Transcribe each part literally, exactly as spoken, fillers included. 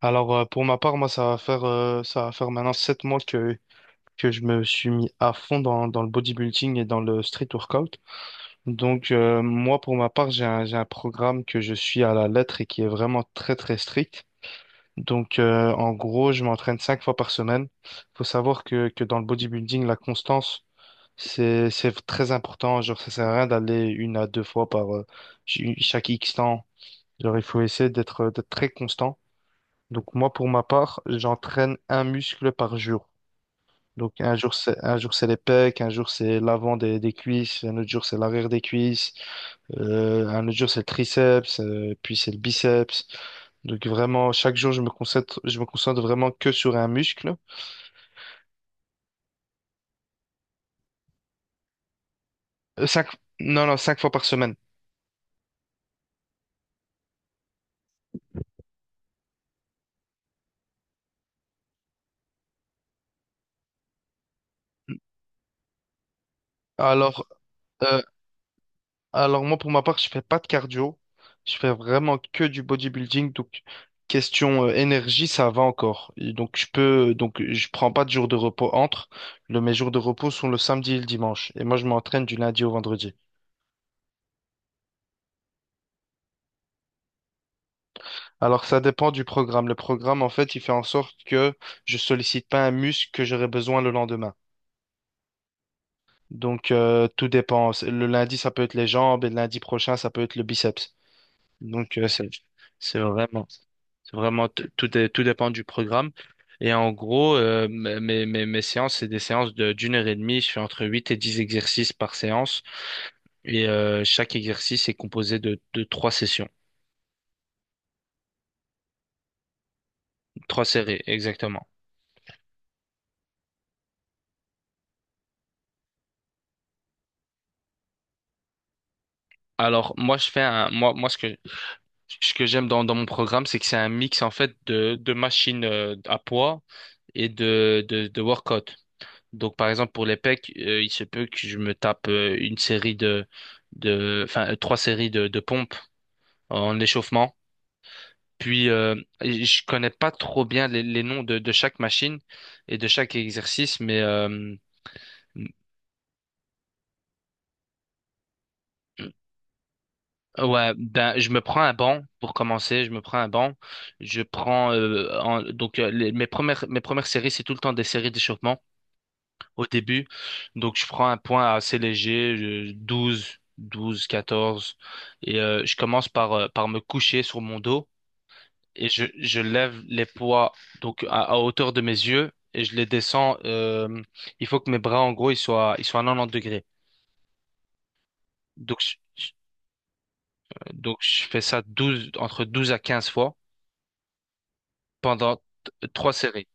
Alors euh, pour ma part, moi ça va faire euh, ça va faire maintenant sept mois que que je me suis mis à fond dans dans le bodybuilding et dans le street workout. Donc euh, moi pour ma part, j'ai un j'ai un programme que je suis à la lettre et qui est vraiment très très strict. Donc euh, en gros, je m'entraîne cinq fois par semaine. Faut savoir que que dans le bodybuilding, la constance c'est c'est très important. Genre ça sert à rien d'aller une à deux fois par euh, ch- chaque X temps. Genre il faut essayer d'être d'être très constant, donc moi, pour ma part, j'entraîne un muscle par jour. Donc un jour c'est un jour c'est les pecs, un jour c'est l'avant des, des cuisses, un autre jour c'est l'arrière des cuisses, euh, un autre jour c'est le triceps, euh, puis c'est le biceps. Donc vraiment chaque jour je me concentre je me concentre vraiment que sur un muscle. Euh, cinq non non cinq fois par semaine. Alors euh, Alors moi, pour ma part, je fais pas de cardio. Je fais vraiment que du bodybuilding. Donc, question euh, énergie, ça va encore. Et donc, je peux, donc, je prends pas de jour de repos entre. Le, mes jours de repos sont le samedi et le dimanche. Et moi, je m'entraîne du lundi au vendredi. Alors, ça dépend du programme. Le programme, en fait, il fait en sorte que je sollicite pas un muscle que j'aurai besoin le lendemain. Donc, euh, tout dépend. Le lundi, ça peut être les jambes et le lundi prochain, ça peut être le biceps. Donc, euh, c'est, c'est vraiment, c'est vraiment, t- tout est- tout dépend du programme. Et en gros, euh, mes, mes, mes mes séances, c'est des séances de, d'une heure et demie. Je fais entre huit et dix exercices par séance. Et euh, chaque exercice est composé de, de trois sessions, trois séries, exactement. Alors, moi, je fais un, moi, moi, ce que, ce que j'aime dans, dans mon programme, c'est que c'est un mix, en fait, de, de machines euh, à poids et de, de, de workout. Donc, par exemple, pour les pecs, euh, il se peut que je me tape euh, une série de, de, enfin, euh, trois séries de, de pompes en échauffement. Puis, euh, je connais pas trop bien les, les noms de, de chaque machine et de chaque exercice, mais euh, ouais, ben, je me prends un banc pour commencer. Je me prends un banc. Je prends euh, en- donc euh, les- mes premières mes premières séries, c'est tout le temps des séries d'échauffement au début. Donc, je prends un point assez léger, je- douze, douze, quatorze, et euh, je commence par, euh, par me coucher sur mon dos et je, je lève les poids donc à, à hauteur de mes yeux et je les descends. Euh, il faut que mes bras, en gros, ils soient, ils soient à quatre-vingt-dix degrés. Donc, je, je- donc, je fais ça douze, entre douze à quinze fois pendant t- trois séries.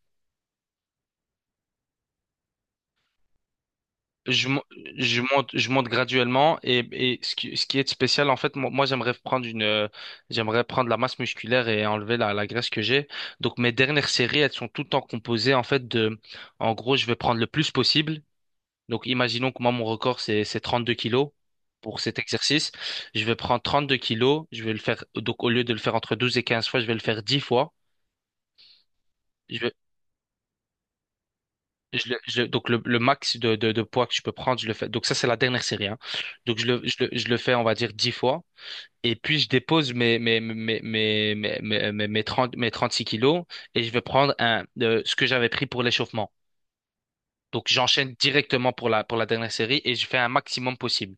Je, mo- je monte, je monte graduellement, et, et ce qui, ce qui est spécial, en fait, moi, moi, j'aimerais prendre une, euh, j'aimerais prendre la masse musculaire et enlever la, la graisse que j'ai. Donc, mes dernières séries, elles sont tout le temps composées, en fait, de, en gros, je vais prendre le plus possible. Donc, imaginons que moi, mon record, c'est, c'est trente-deux kilos pour cet exercice. Je vais prendre trente-deux kilos. Je vais le faire, donc, au lieu de le faire entre douze et quinze fois, je vais le faire dix fois. Je le- je le- donc le, le max de, de, de poids que je peux prendre, je le fais. Donc ça, c'est la dernière série, hein. Donc je le, je le, je le fais, on va dire, dix fois. Et puis je dépose mes, mes, mes, mes, mes, mes, mes, mes trente mes trente-six kilos et je vais prendre un, euh, ce que j'avais pris pour l'échauffement. Donc j'enchaîne directement pour la, pour la dernière série et je fais un maximum possible.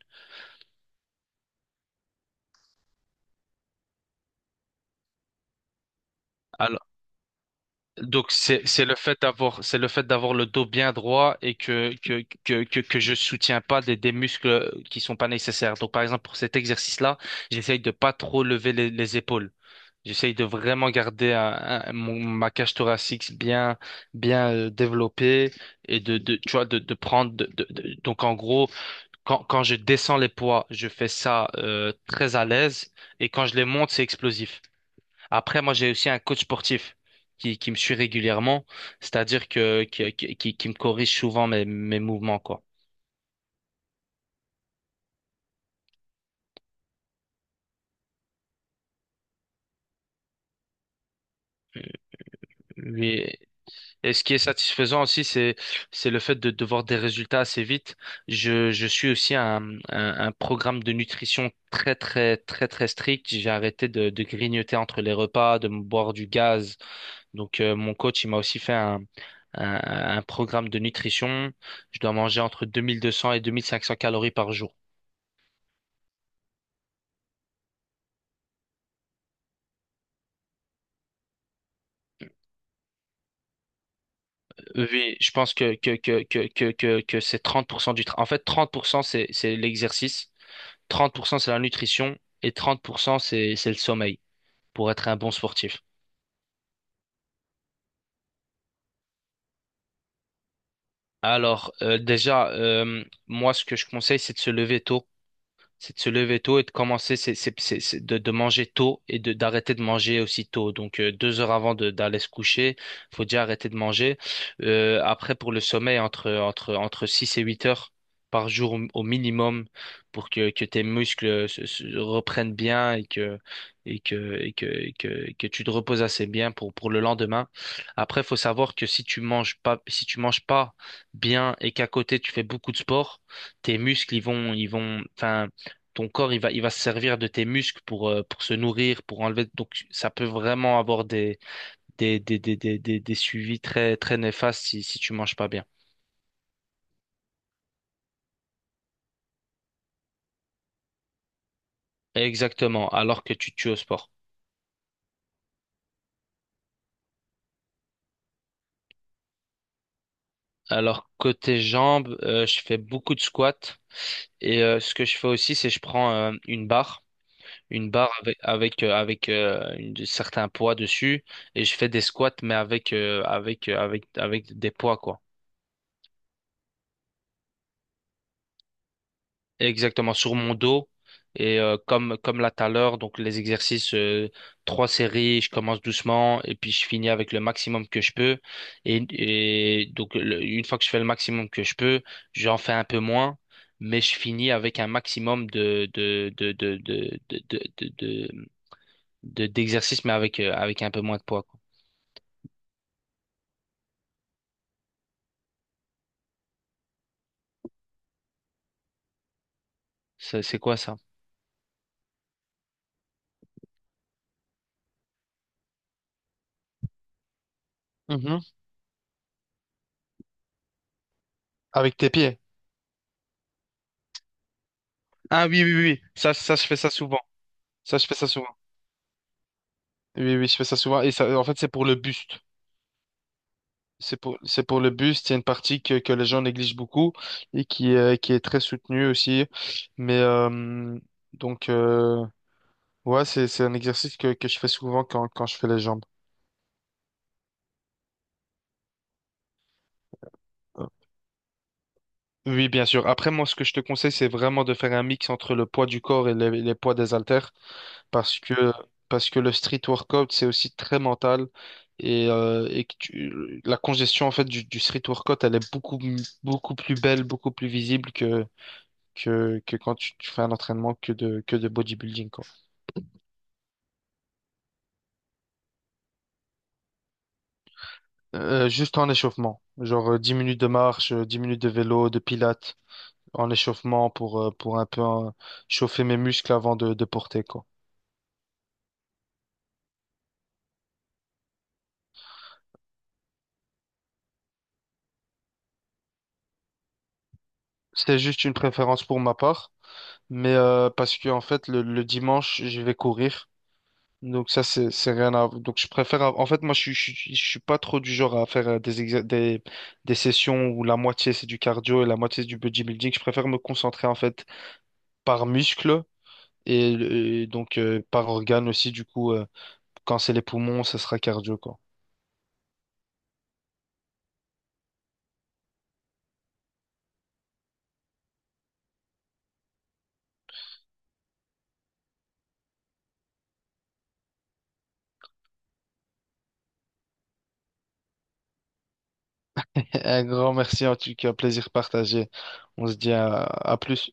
Donc c'est c'est le fait d'avoir c'est le fait d'avoir le dos bien droit et que que que que, que je soutiens pas des, des muscles qui sont pas nécessaires. Donc par exemple pour cet exercice-là, j'essaye de pas trop lever les, les épaules. J'essaye de vraiment garder un- un- mon- ma cage thoracique bien bien euh, développée et de de tu vois de de prendre de, de- de- donc en gros quand quand je descends les poids, je fais ça euh, très à l'aise, et quand je les monte, c'est explosif. Après, moi, j'ai aussi un coach sportif qui, qui me suit régulièrement, c'est-à-dire que qui, qui, qui- qui me corrige souvent mes, mes mouvements, quoi. Lui- Et ce qui est satisfaisant aussi, c'est c'est le fait de, de voir des résultats assez vite. Je, je suis aussi un, un, un programme de nutrition très très très très strict. J'ai arrêté de, de grignoter entre les repas, de me boire du gaz. Donc euh, mon coach, il m'a aussi fait un, un, un programme de nutrition. Je dois manger entre deux mille deux cents et deux mille cinq cents calories par jour. Oui, je pense que, que, que, que, que, que, que c'est trente pour cent du travail. En fait, trente pour cent c'est, c'est l'exercice, trente pour cent c'est la nutrition et trente pour cent c'est, c'est le sommeil pour être un bon sportif. Alors, euh, déjà, euh, moi, ce que je conseille, c'est de se lever tôt. C'est de se lever tôt et de commencer, c'est, c'est, c'est, c'est de, de manger tôt et de, d'arrêter de manger aussi tôt. Donc, euh, deux heures avant de, d'aller se coucher, faut déjà arrêter de manger. Euh, après, pour le sommeil, entre, entre, entre six et huit heures par jour au, au minimum pour que, que tes muscles se, se reprennent bien et que, et que, et que, et que, que tu te reposes assez bien pour, pour le lendemain. Après, faut savoir que si tu manges pas, si tu manges pas bien et qu'à côté tu fais beaucoup de sport, tes muscles, ils vont, ils vont, enfin, ton corps, il va, il va se servir de tes muscles pour, euh, pour se nourrir, pour enlever. Donc, ça peut vraiment avoir des, des, des, des, des, des, des suivis très, très néfastes si, si tu manges pas bien. Exactement, alors que tu te tues au sport. Alors, côté jambes, euh, je fais beaucoup de squats. Et euh, ce que je fais aussi, c'est je prends euh, une barre, une barre avec, avec, euh, avec euh, une- de- certains poids dessus, et je fais des squats, mais avec, euh, avec, euh, avec, avec des poids, quoi. Exactement, sur mon dos. Et euh, comme, comme là tout à l'heure, donc les exercices, euh, trois séries, je commence doucement et puis je finis avec le maximum que je peux. Et, et donc, le- une fois que je fais le maximum que je peux, j'en fais un peu moins, mais je finis avec un maximum de, de, de, de, de, de, de, de, de- de- d'exercices, mais avec, euh, avec un peu moins de poids, quoi. Ça, C'est quoi ça? Mhm. Avec tes pieds. Ah oui, oui, oui. oui. Ça, ça, je fais ça souvent. Ça, je fais ça souvent. Oui, oui, je fais ça souvent. Et ça, en fait, c'est pour le buste. C'est pour, c'est pour le bus, il une partie que, que les gens négligent beaucoup et qui, est- qui est très soutenue aussi. Mais euh, donc, euh, ouais, c'est, c'est un exercice que, que je fais souvent quand, quand je fais les jambes. Euh, Oui, bien sûr. Après, moi, ce que je te conseille, c'est vraiment de faire un mix entre le poids du corps et les, les poids des haltères, parce que, parce que le street workout, c'est aussi très mental et, euh, et que tu- la congestion, en fait, du, du street workout, elle est beaucoup, beaucoup plus belle, beaucoup plus visible que, que quand tu, tu fais un entraînement que de, que de bodybuilding, quoi. Euh, juste en échauffement, genre euh, dix minutes de marche, euh, dix minutes de vélo, de pilates, en échauffement pour, euh, pour un peu euh, chauffer mes muscles avant de, de porter, quoi. C'est juste une préférence pour ma part, mais euh, parce que en fait, le, le dimanche, je vais courir. Donc ça, c'est, c'est rien à. Donc je préfère. En fait, moi, je, suis- je, suis je suis pas trop du genre à faire euh, des, exa- des, des sessions où la moitié, c'est du cardio et la moitié, c'est du bodybuilding. Je préfère me concentrer, en fait, par muscle. Et, euh, donc, euh, par organe aussi, du coup, euh, quand c'est les poumons, ce sera cardio, quoi. Un grand merci, en tout cas, plaisir partagé. On se dit à à plus.